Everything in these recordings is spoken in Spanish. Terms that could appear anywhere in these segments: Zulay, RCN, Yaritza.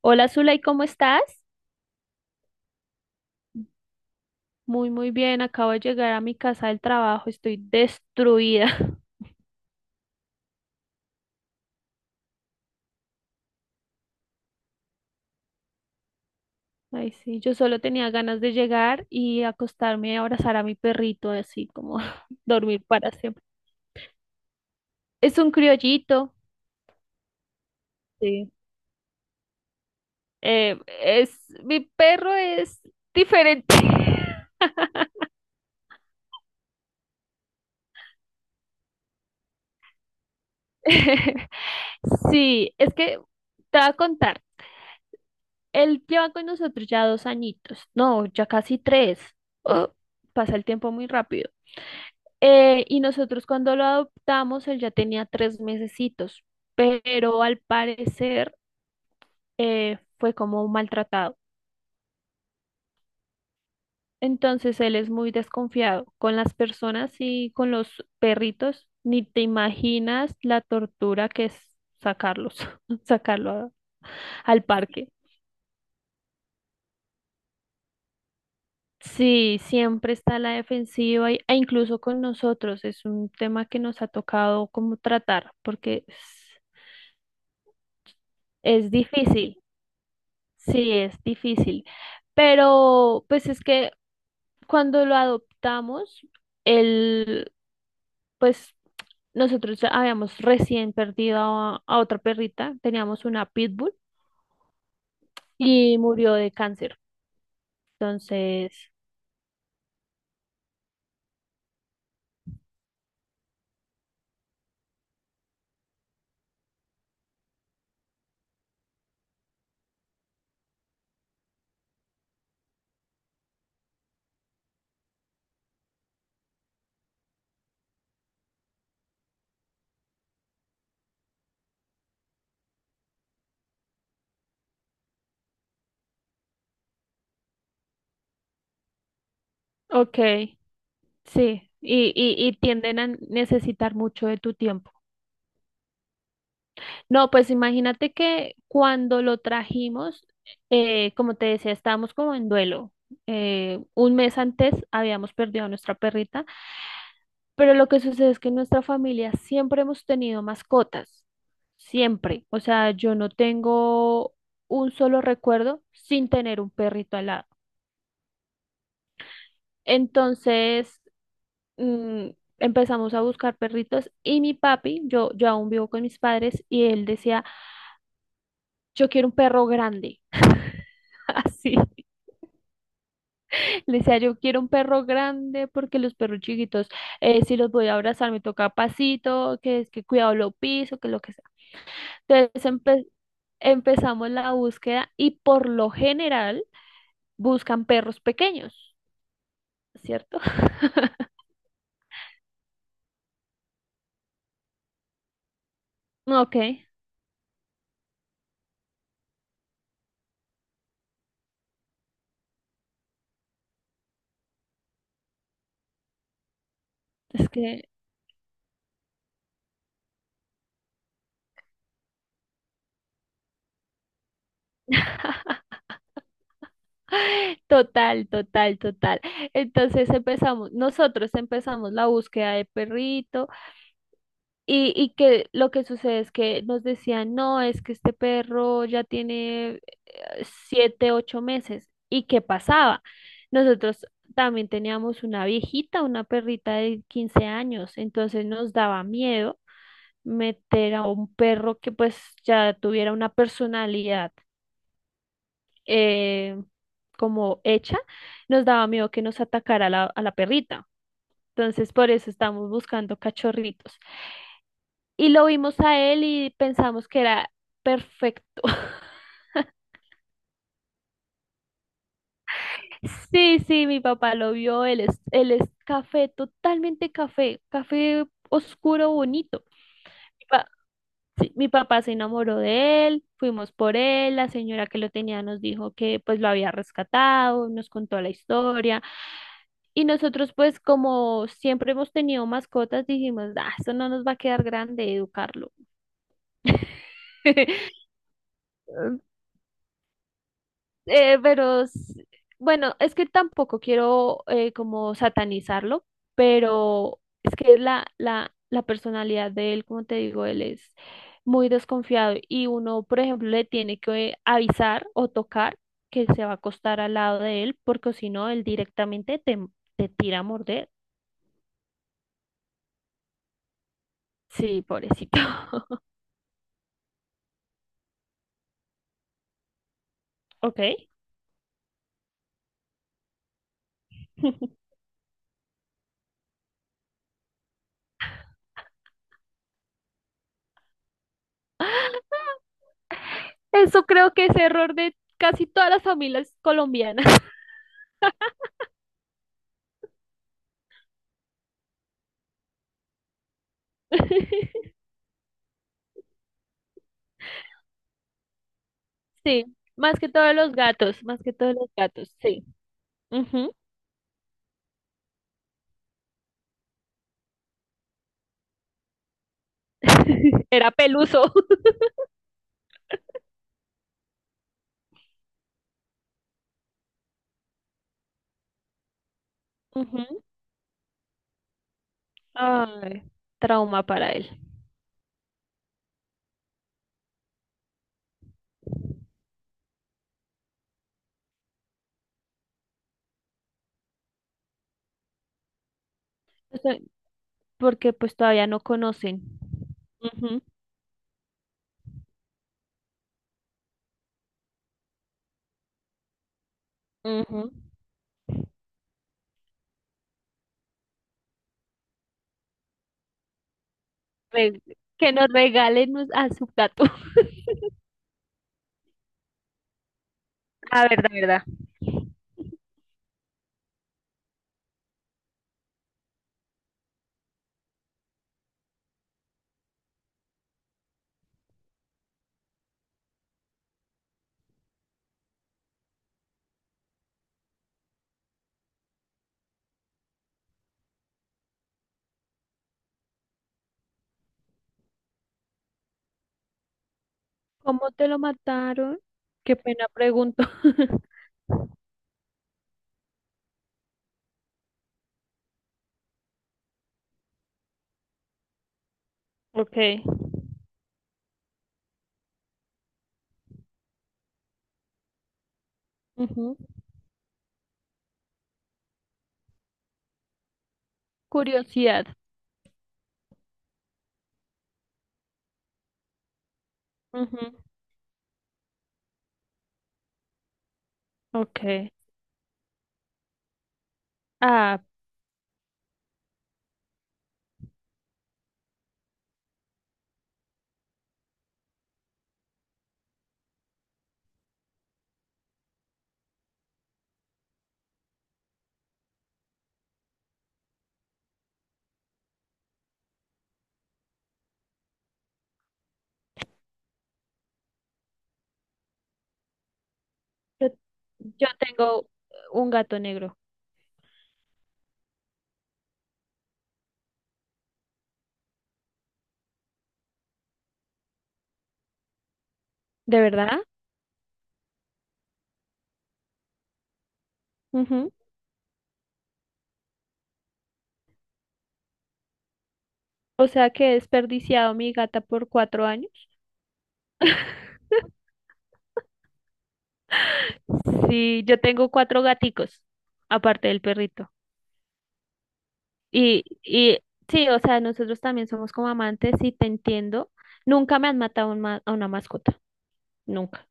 Hola Zulay, ¿cómo estás? Muy, muy bien. Acabo de llegar a mi casa del trabajo. Estoy destruida. Ay, sí, yo solo tenía ganas de llegar y acostarme y abrazar a mi perrito, así como dormir para siempre. Es un criollito. Sí. Mi perro es diferente. Sí, es que te voy a contar. Él lleva con nosotros ya 2 añitos. No, ya casi tres. Oh, pasa el tiempo muy rápido. Y nosotros cuando lo adoptamos, él ya tenía 3 mesecitos, pero al parecer fue como maltratado. Entonces él es muy desconfiado con las personas y con los perritos. Ni te imaginas la tortura que es sacarlos, sacarlo a- al parque. Sí, siempre está a la defensiva e incluso con nosotros es un tema que nos ha tocado como tratar porque es difícil. Sí, es difícil, pero pues es que cuando lo adoptamos, él, pues nosotros habíamos recién perdido a otra perrita, teníamos una pitbull y murió de cáncer. Entonces, ok, sí, y tienden a necesitar mucho de tu tiempo. No, pues imagínate que cuando lo trajimos, como te decía, estábamos como en duelo. Un mes antes habíamos perdido a nuestra perrita. Pero lo que sucede es que en nuestra familia siempre hemos tenido mascotas, siempre. O sea, yo no tengo un solo recuerdo sin tener un perrito al lado. Entonces, mm, empezamos a buscar perritos y mi papi, yo aún vivo con mis padres y él decía, yo quiero un perro grande. Así, le decía, yo quiero un perro grande porque los perros chiquitos, si los voy a abrazar, me toca pasito, que es que cuidado lo piso, que lo que sea. Entonces empecé. Empezamos la búsqueda y por lo general buscan perros pequeños, ¿cierto? Ok, es que total, total, total. Nosotros empezamos la búsqueda de perrito y que lo que sucede es que nos decían, no, es que este perro ya tiene 7, 8 meses. ¿Y qué pasaba? Nosotros también teníamos una viejita, una perrita de 15 años, entonces nos daba miedo meter a un perro que pues ya tuviera una personalidad eh, como hecha, nos daba miedo que nos atacara a la perrita. Entonces, por eso estamos buscando cachorritos. Y lo vimos a él y pensamos que era perfecto. Sí, sí, mi papá lo vio, él es café, totalmente café, café oscuro, bonito. Sí, mi papá se enamoró de él, fuimos por él, la señora que lo tenía nos dijo que pues lo había rescatado, nos contó la historia y nosotros pues como siempre hemos tenido mascotas dijimos, ah, eso no nos va a quedar grande educarlo. Eh, pero s- bueno, es que tampoco quiero como satanizarlo, pero es que la personalidad de él, como te digo, él es muy desconfiado y uno, por ejemplo, le tiene que avisar o tocar que se va a acostar al lado de él, porque si no, él directamente te tira a morder. Sí, pobrecito. Ok. Eso creo que es error de casi todas las familias colombianas. Sí, más que todos los gatos, más que todos los gatos, sí. Ujú. Era peluso. Ujú. Ay, trauma para él. O sea, porque pues todavía no conocen. Ujú, ujú. Re- que nos regalen a su gato. Ah, verdad, verdad. ¿Cómo te lo mataron? Qué pena pregunto. Okay. Ujú. Curiosidad. Ujú. Okay. Ah, yo, yo tengo un gato negro. ¿De verdad? Ujú. O sea que he desperdiciado mi gata por 4 años. Sí, yo tengo cuatro gaticos, aparte del perrito. Y sí, o sea, nosotros también somos como amantes y te entiendo. Nunca me han matado a una mascota, nunca.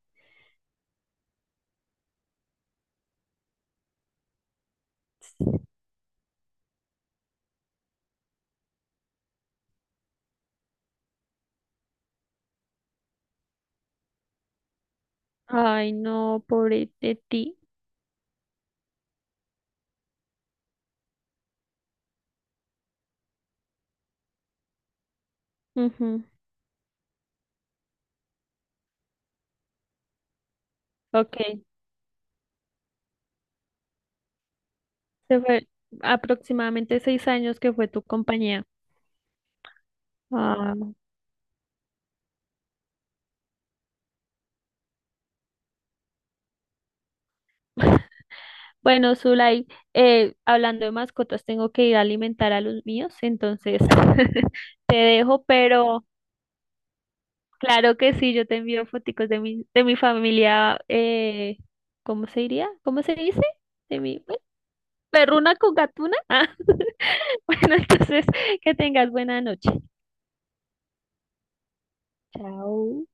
Ay, no, pobre de ti. Ujú. Ok, se fue aproximadamente 6 años que fue tu compañía. Ah. Bueno, Zulay, hablando de mascotas, tengo que ir a alimentar a los míos, entonces te dejo, pero claro que sí, yo te envío foticos de mi familia, ¿cómo se diría? ¿Cómo se dice? De mi bueno, perruna con gatuna. Ah, bueno, entonces que tengas buena noche. Chao.